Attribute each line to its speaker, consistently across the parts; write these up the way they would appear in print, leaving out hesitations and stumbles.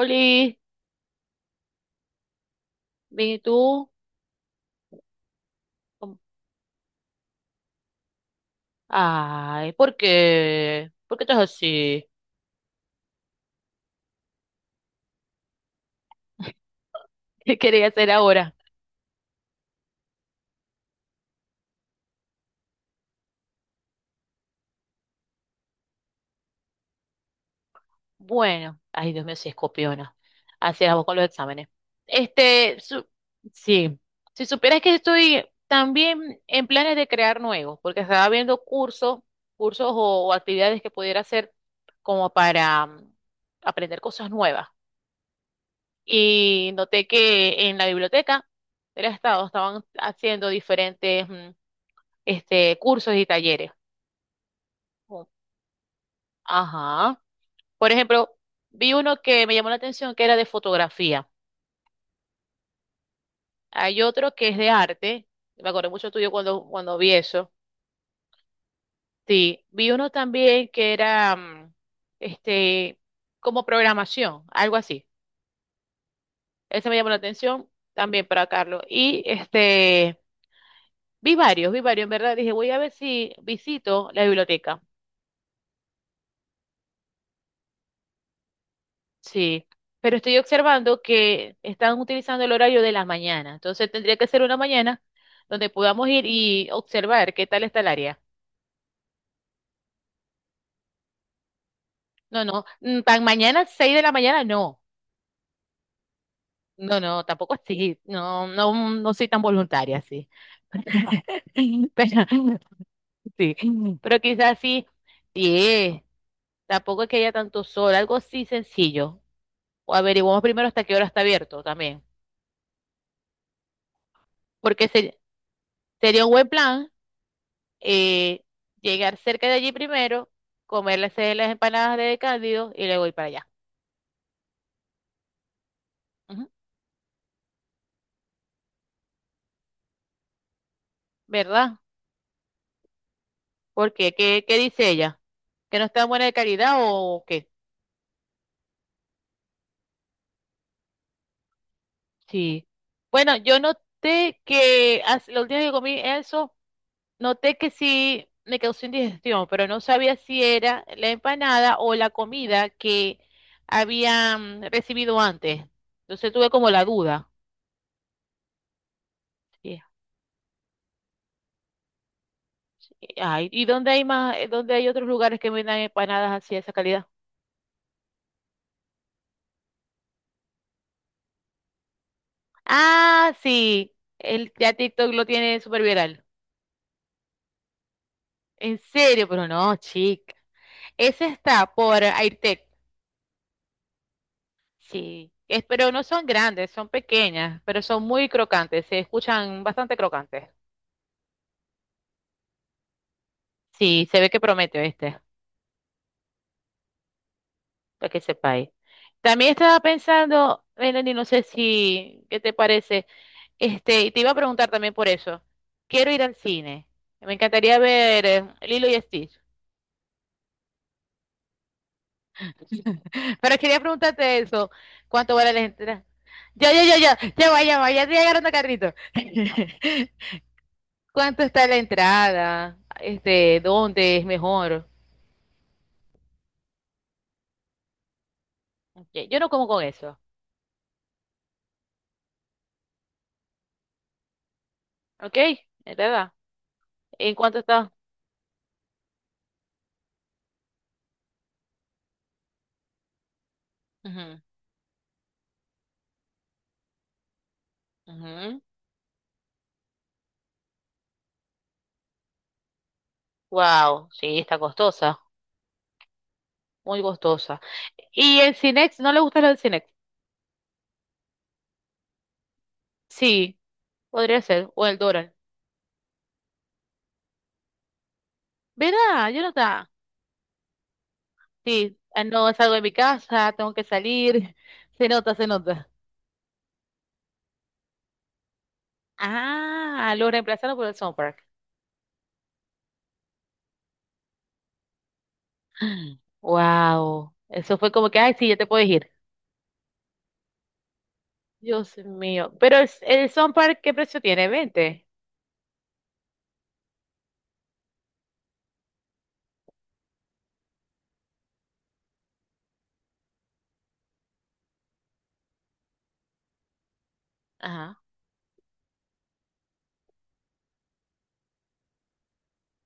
Speaker 1: Oli, bien, ¿y tú? ¿Cómo? Ay, ¿por qué? ¿Por qué estás así? ¿Qué quería hacer ahora? Bueno, ay, Dios mío, si escopiona. Así era con los exámenes. Este, sí, si supieras que estoy también en planes de crear nuevos, porque estaba viendo cursos o actividades que pudiera hacer como para aprender cosas nuevas. Y noté que en la biblioteca del Estado estaban haciendo diferentes, este, cursos y talleres. Oh, ajá. Por ejemplo, vi uno que me llamó la atención que era de fotografía. Hay otro que es de arte. Me acordé mucho tuyo cuando vi eso. Sí. Vi uno también que era este como programación, algo así. Ese me llamó la atención también para Carlos. Y este vi varios, en verdad. Dije, voy a ver si visito la biblioteca. Sí, pero estoy observando que están utilizando el horario de la mañana, entonces tendría que ser una mañana donde podamos ir y observar qué tal está el área. No, no, tan mañana, 6 de la mañana, no. No, no, tampoco así, no, no, no soy tan voluntaria, sí. Pero, sí, pero quizás sí, 10, tampoco es que haya tanto sol, algo así sencillo. O averiguamos primero hasta qué hora está abierto también, porque sería un buen plan eh, llegar cerca de allí primero, comerles las empanadas de Cándido y luego ir para allá. Ujú. ¿Verdad? Porque, ¿qué dice ella? ¿Que no está buena de calidad o qué? Sí. Bueno, yo noté que la última vez que comí eso, noté que sí me causó indigestión, pero no sabía si era la empanada o la comida que habían recibido antes. Entonces tuve como la duda. Sí. Ay, ¿y dónde hay más, dónde hay otros lugares que vendan empanadas así de esa calidad? Ah, sí, el ya TikTok lo tiene súper viral. En serio, pero no, chica. Ese está por Airtek. Sí, es, pero no son grandes, son pequeñas, pero son muy crocantes, se escuchan bastante crocantes. Sí, se ve que promete, ¿viste? Para que sepáis. También estaba pensando, Melanie, no sé si, ¿qué te parece? Este, y te iba a preguntar también por eso. Quiero ir al cine. Me encantaría ver Lilo y Stitch. Pero quería preguntarte eso. ¿Cuánto vale la entrada? Ya, ya, ya, ya, ya va, ya va, ya estoy agarrando carrito. ¿Cuánto está la entrada? Este, ¿dónde es mejor? Ok, yo no como con eso, ¿ok? ¿Es ¿Verdad? ¿En cuánto está? Ujú, ujú. Wow, sí, está costosa, muy costosa. ¿Y el Cinex? ¿No le gusta lo del Cinex? Sí, podría ser, o el Doral. Verá, yo nota. Sí, ah, no salgo de mi casa, tengo que salir. Se nota, se nota. Ah, lo reemplazaron por el Sound Park. Wow, eso fue como que, ay, sí, ya te puedes ir. Dios mío, pero el Sound Park, ¿qué precio tiene? ¿20? Ajá,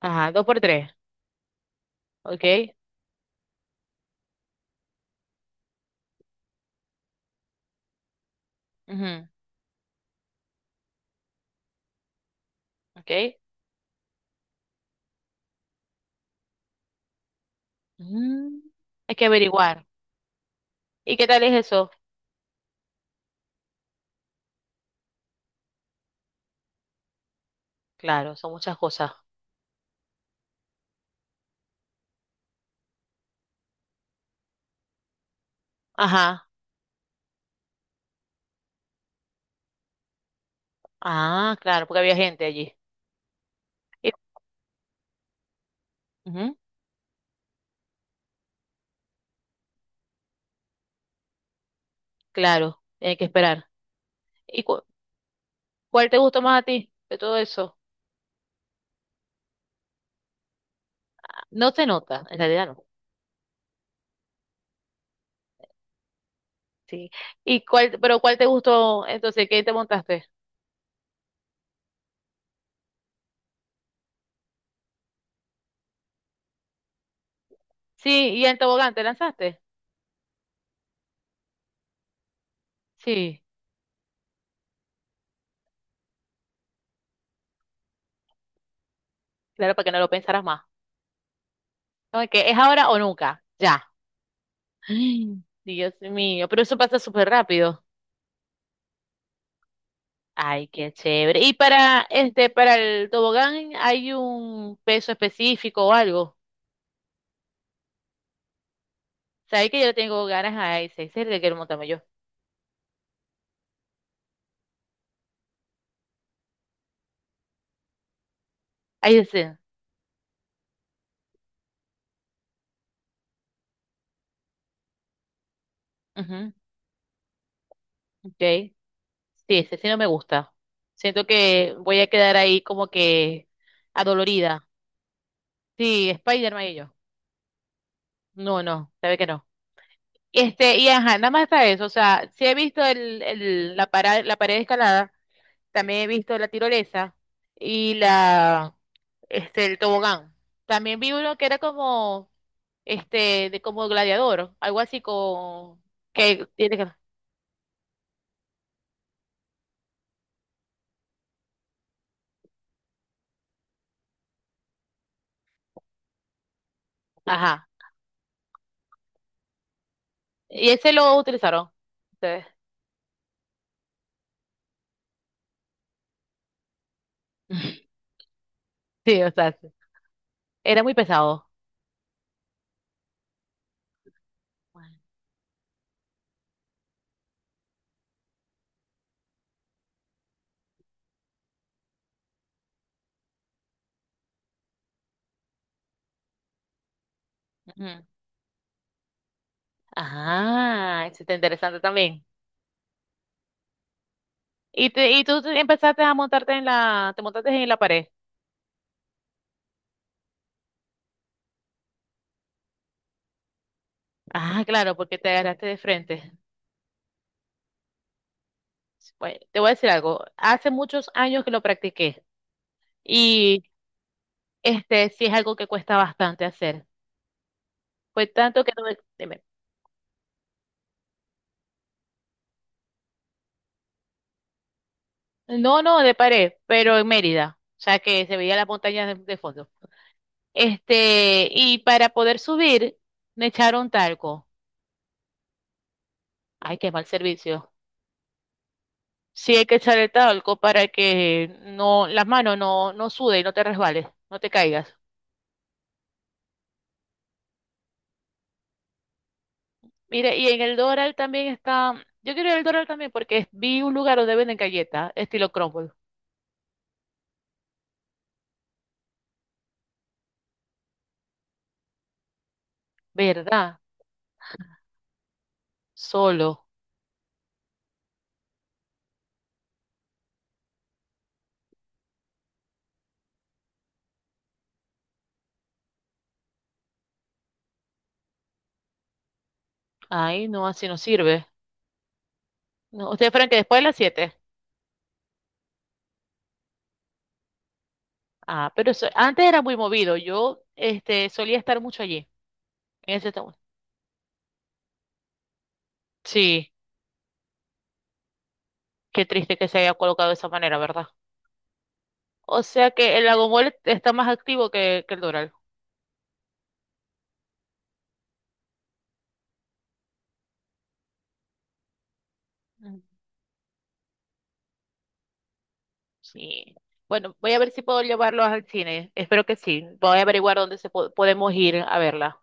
Speaker 1: ajá, 2 por 3, ok. Ujú, ok. Mm, hay que averiguar. ¿Y qué tal es eso? Claro, son muchas cosas. Ajá. Ah, claro, porque había gente allí. Y- Ujú, claro, hay que esperar. ¿Y cuál te gustó más a ti de todo eso? No se nota, en realidad no. Sí. ¿Y cuál, pero cuál te gustó entonces? ¿Qué te montaste? Sí, y el tobogán, ¿te lanzaste? Sí, claro, para que no lo pensaras más. No, es que es ahora o nunca, ya. Ay, Dios mío, pero eso pasa súper rápido. Ay, qué chévere. ¿Y para el tobogán hay un peso específico o algo? ¿Sabes que yo le tengo ganas a ese? Ese es el que quiero montarme yo. Ahí ese. Ujú, ok. Sí, ese sí no me gusta. Siento que voy a quedar ahí como que adolorida. Sí, Spider-Man y yo. No, no, sabe que no. Este, y ajá, nada más está eso. O sea, sí he visto la pared de escalada, también he visto la tirolesa y este, el tobogán. También vi uno que era como, este, de como gladiador, algo así con, que tiene que... Ajá. Y ese lo utilizaron ustedes. Sí, o sea, sí, era muy pesado. Ujú. Ajá, eso está interesante también. Y, te, y tú te- empezaste a montarte te montaste en la pared. Ah, claro, porque te agarraste de frente. Bueno, te voy a decir algo. Hace muchos años que lo practiqué y este sí es algo que cuesta bastante hacer. Pues tanto que no, dime. No, no, de pared, pero en Mérida, o sea que se veía la montaña de fondo. Este, y para poder subir, me echaron talco. Ay, qué mal servicio. Sí hay que echar el talco para que no, las manos no sude y no te resbales, no te caigas. Mire, y en el Doral también está, yo quiero ir al Doral también porque vi un lugar donde venden galletas, estilo crumble. ¿Verdad? Solo. Ay, no, así no sirve. ¿No, ustedes fueron que después de las 7? Ah, pero antes era muy movido. Yo, este, solía estar mucho allí. En ese, to- sí. Qué triste que se haya colocado de esa manera, ¿verdad? O sea que el Lagomol está más activo que el Doral. Mm, sí. Bueno, voy a ver si puedo llevarlos al cine. Espero que sí. Voy a averiguar dónde podemos ir a verla.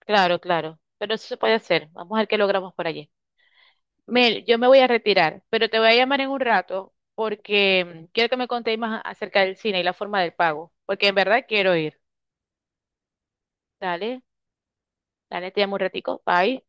Speaker 1: Claro, claro. Pero eso se puede hacer. Vamos a ver qué logramos por allí. Mel, yo me voy a retirar, pero te voy a llamar en un rato porque quiero que me contéis más acerca del cine y la forma del pago, porque en verdad quiero ir. Dale, dale, te llamo un ratico. Bye.